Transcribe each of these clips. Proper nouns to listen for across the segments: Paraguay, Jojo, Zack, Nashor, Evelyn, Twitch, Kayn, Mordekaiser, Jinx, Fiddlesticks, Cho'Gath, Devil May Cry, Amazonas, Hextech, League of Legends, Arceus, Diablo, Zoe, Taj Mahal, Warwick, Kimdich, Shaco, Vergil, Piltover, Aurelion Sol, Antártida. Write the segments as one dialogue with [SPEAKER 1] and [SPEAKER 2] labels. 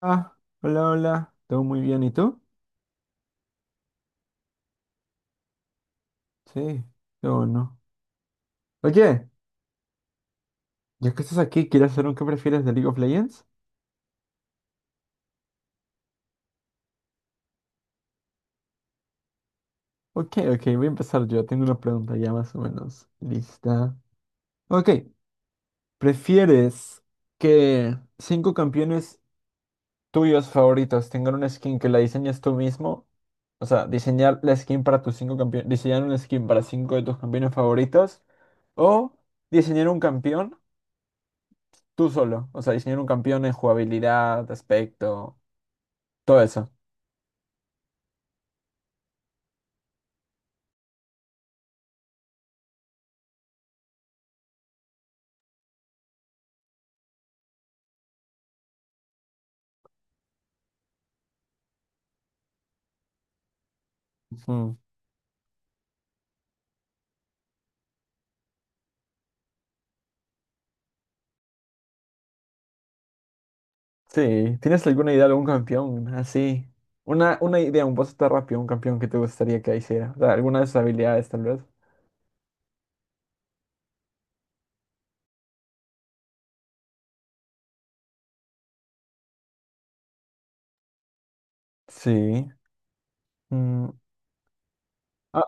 [SPEAKER 1] Ah, hola, hola. ¿Todo muy bien? ¿Y tú? Sí, qué bueno. Oye, ya que estás aquí, ¿quieres hacer un qué prefieres de League of Legends? Ok, ok, voy a empezar yo. Tengo una pregunta ya más o menos lista. Ok, ¿prefieres que cinco campeones tuyos favoritos tengan una skin que la diseñes tú mismo? O sea, diseñar la skin para tus cinco campeones, diseñar una skin para cinco de tus campeones favoritos o diseñar un campeón tú solo. O sea, diseñar un campeón en jugabilidad, aspecto. Todo eso. Ujú. Sí. ¿Tienes alguna idea de algún campeón? Así. Una idea, un boss de rápido, un campeón que te gustaría que hiciera. O sea, alguna de sus habilidades, tal vez. Sí. Mm, Ah,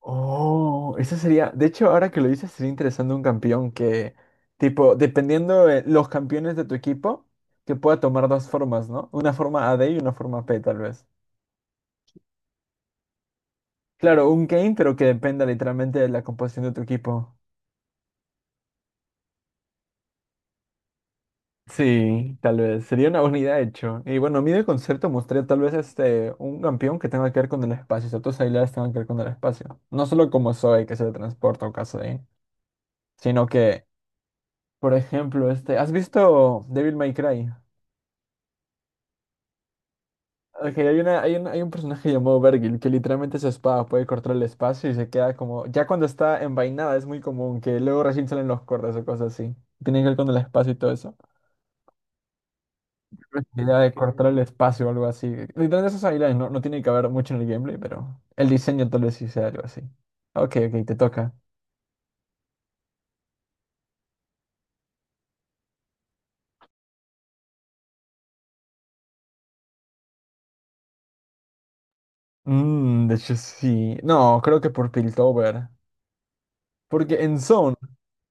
[SPEAKER 1] oh, eso sería. De hecho, ahora que lo dices, sería interesante un campeón que, tipo, dependiendo de los campeones de tu equipo, que pueda tomar dos formas, ¿no? Una forma AD y una forma P, tal vez. Claro, un Kayn, pero que dependa literalmente de la composición de tu equipo. Sí, tal vez. Sería una buena idea, de hecho. Y bueno, a mí del concierto mostré tal vez este, un campeón que tenga que ver con el espacio, ciertos bailarines tengan que ver con el espacio. No solo como Zoe, que se transporta o caso de, sino que, por ejemplo, este, ¿has visto Devil May Cry? Ok, hay un personaje llamado Vergil que literalmente su espada puede cortar el espacio y se queda como, ya cuando está envainada es muy común que luego recién salen los cortes o cosas así. Tiene que ver con el espacio y todo eso. La idea de cortar el espacio o algo así. Literalmente esas habilidades no tiene que haber mucho en el gameplay, pero el diseño tal vez sí sea algo así. Ok, ok, te toca. De hecho sí. No, creo que por Piltover. Porque en Zone,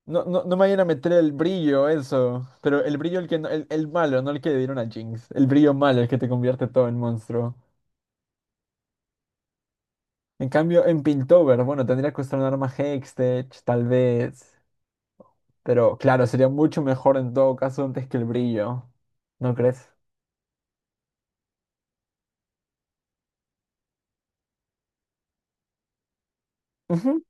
[SPEAKER 1] no me vayan a meter el brillo, eso. Pero el brillo, el malo, no el que le dieron a Jinx. El brillo malo, el que te convierte todo en monstruo. En cambio, en Piltover, bueno, tendría que usar un arma Hextech, tal vez. Pero claro, sería mucho mejor en todo caso antes que el brillo. ¿No crees? Ujú.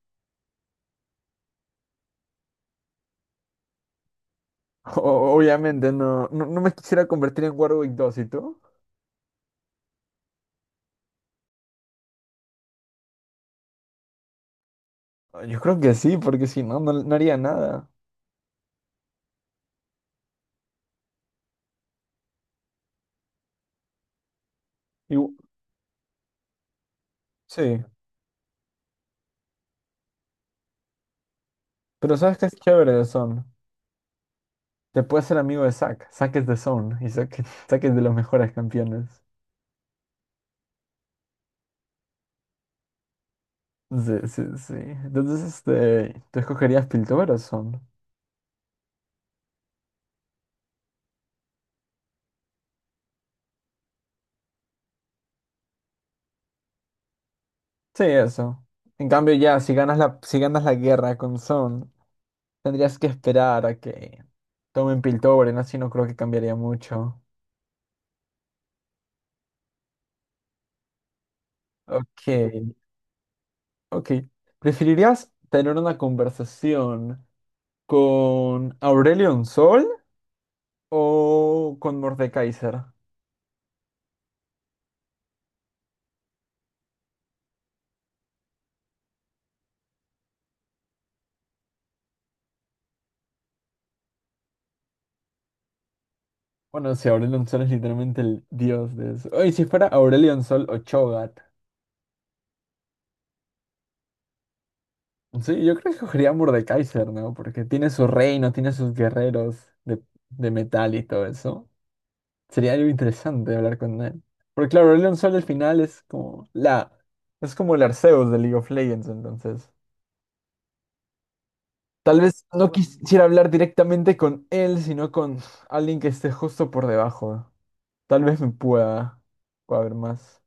[SPEAKER 1] Obviamente no me quisiera convertir en Warwick 2, ¿y tú? Ah, yo creo que sí, porque si no, no haría nada. Y u- sí, pero ¿sabes qué es chévere de Son? Te puedes ser amigo de Zack. Zack es de Son y Zack, Zack es de los mejores campeones. Sí, sí, sí. Entonces, este, ¿tú escogerías Piltover o Son? Sí, eso. En cambio, ya, si ganas la guerra con Son, tendrías que esperar a que tomen Piltover, ¿no? Así no creo que cambiaría mucho. Ok. Ok. ¿Preferirías tener una conversación con Aurelion Sol o con Mordekaiser? Bueno, si Aurelion Sol es literalmente el dios de eso. Oye, si fuera Aurelion Sol o Cho'Gath. Sí, yo creo que escogería a Mordekaiser, ¿no? Porque tiene su reino, tiene sus guerreros de, de, metal y todo eso. Sería algo interesante hablar con él. Porque claro, Aurelion Sol al final es como la... Es como el Arceus de League of Legends, entonces. Tal vez no quisiera hablar directamente con él, sino con alguien que esté justo por debajo. Tal vez me pueda ver más.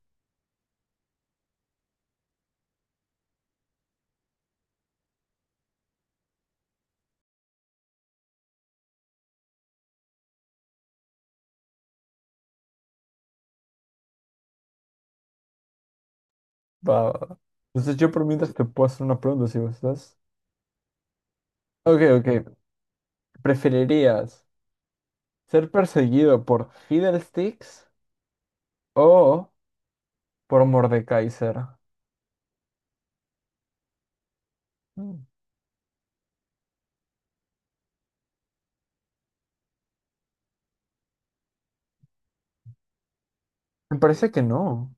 [SPEAKER 1] Va, va, va. Entonces yo por mientras te puedo hacer una pregunta si gustas. Ok, ok. ¿Preferirías ser perseguido por Fiddlesticks o por Mordekaiser? Mm. Me parece que no.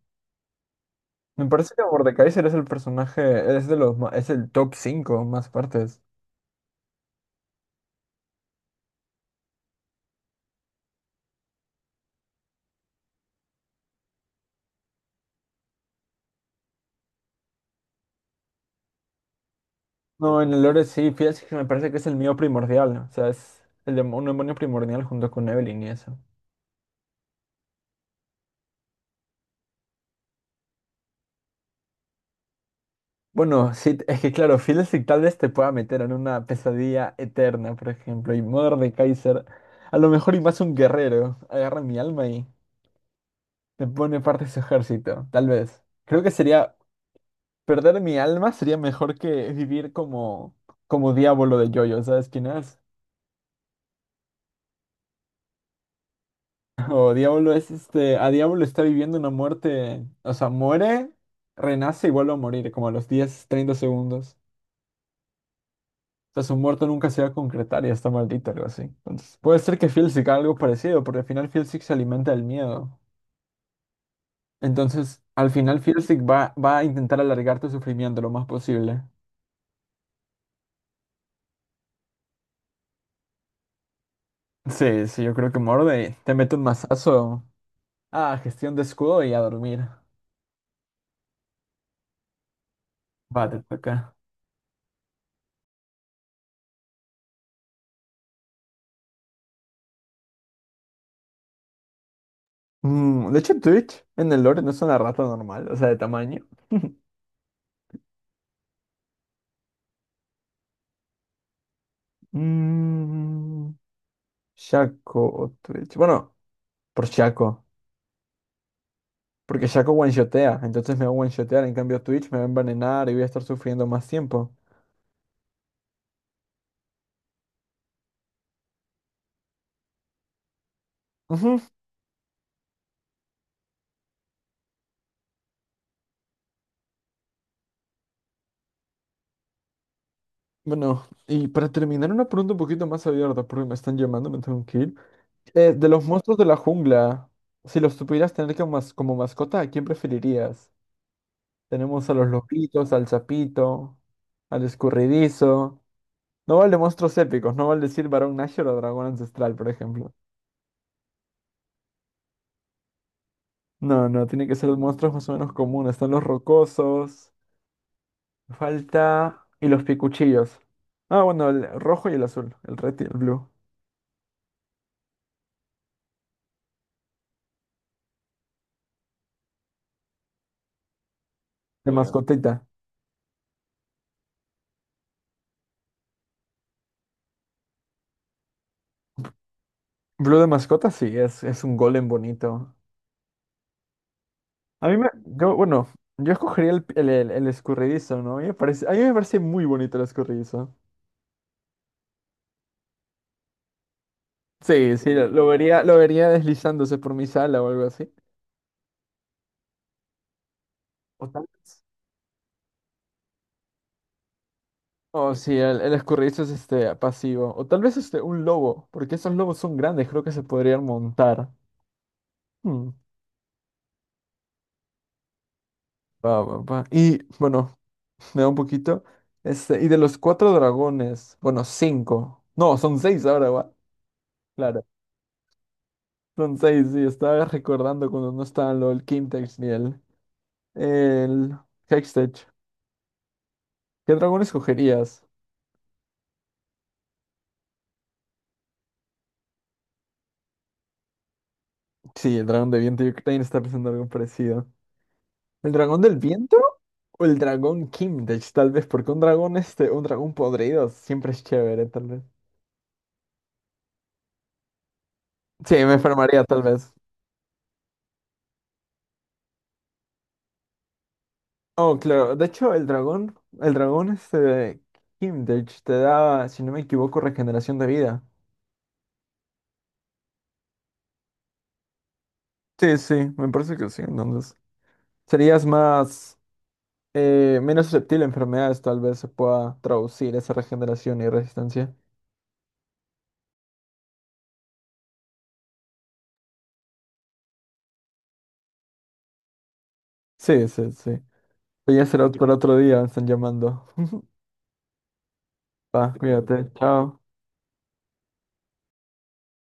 [SPEAKER 1] Me parece que Mordekaiser es el personaje, es de los, ma- es el top 5 más fuertes. No, en el lore sí, fíjate que me parece que es el mío primordial, o sea, es el un demonio primordial junto con Evelyn y eso. Bueno, sí, es que claro, Fiddlestick tal vez te pueda meter en una pesadilla eterna, por ejemplo, y de Kaiser a lo mejor y más un guerrero, agarra mi alma y me pone parte de su ejército, tal vez. Creo que sería, perder mi alma sería mejor que vivir como diablo de Jojo, ¿sabes quién es? O Diablo es este, a Diablo está viviendo una muerte, o sea, muere, renace y vuelve a morir, como a los 10 30 segundos. O sea, su muerte nunca se va a concretar y está maldito, algo así. Entonces, puede ser que Filsic haga algo parecido, porque al final Filsic se alimenta del miedo. Entonces, al final Filsic va a intentar alargar tu sufrimiento lo más posible. Sí, sí, yo creo que morde, te mete un mazazo. Ah, gestión de escudo y a dormir. Va, te toca. De hecho, Twitch en el lore no es una rata normal, o sea, de tamaño. Mm, Shaco o Twitch. Bueno, por Shaco. Porque Shaco one-shotea. Entonces me va a one-shotear. En cambio, Twitch me va a envenenar y voy a estar sufriendo más tiempo. Ujú. Bueno, y para terminar, una pregunta un poquito más abierta, porque me están llamando, me tengo que ir. De los monstruos de la jungla, si los tuvieras tener como mascota, ¿a quién preferirías? Tenemos a los lobitos, al sapito, al escurridizo. No vale monstruos épicos, no vale decir varón Nashor o dragón ancestral, por ejemplo. No, no, tiene que ser los monstruos más o menos comunes. Están los rocosos, falta... y los picuchillos. Ah, bueno, el rojo y el azul, el red y el blue. De ya. Mascotita. Blue de mascota, sí, es un golem bonito. A mí me... Yo, bueno, yo escogería el escurridizo, ¿no? A mí me parece muy bonito el escurridizo. Sí, sí, lo vería deslizándose por mi sala o algo así. O tal vez Oh, sí, el escurridizo es este pasivo. O tal vez este un lobo, porque esos lobos son grandes, creo que se podrían montar. Hmm, va, va, va. Y bueno, me da un poquito. Este, y de los cuatro dragones, bueno, cinco. No, son seis ahora, va. Claro. Son seis, sí, estaba recordando cuando no estaban lo del Quintex ni el Hextech. ¿Qué dragón escogerías? Sí, el dragón de viento, yo también estaba pensando algo parecido. ¿El dragón del viento? O el dragón Kimdich, tal vez, porque un dragón, este, un dragón podrido siempre es chévere, tal vez. Sí, me enfermaría, tal vez. Oh, claro. De hecho, el dragón Kimdich te da, si no me equivoco, regeneración de vida. Sí, sí, me parece que sí, entonces. Serías más, menos susceptible a enfermedades, tal vez se pueda traducir esa regeneración y resistencia. Sí, sí, sí. Pero ya será para otro día, me están llamando. Va, cuídate, chao.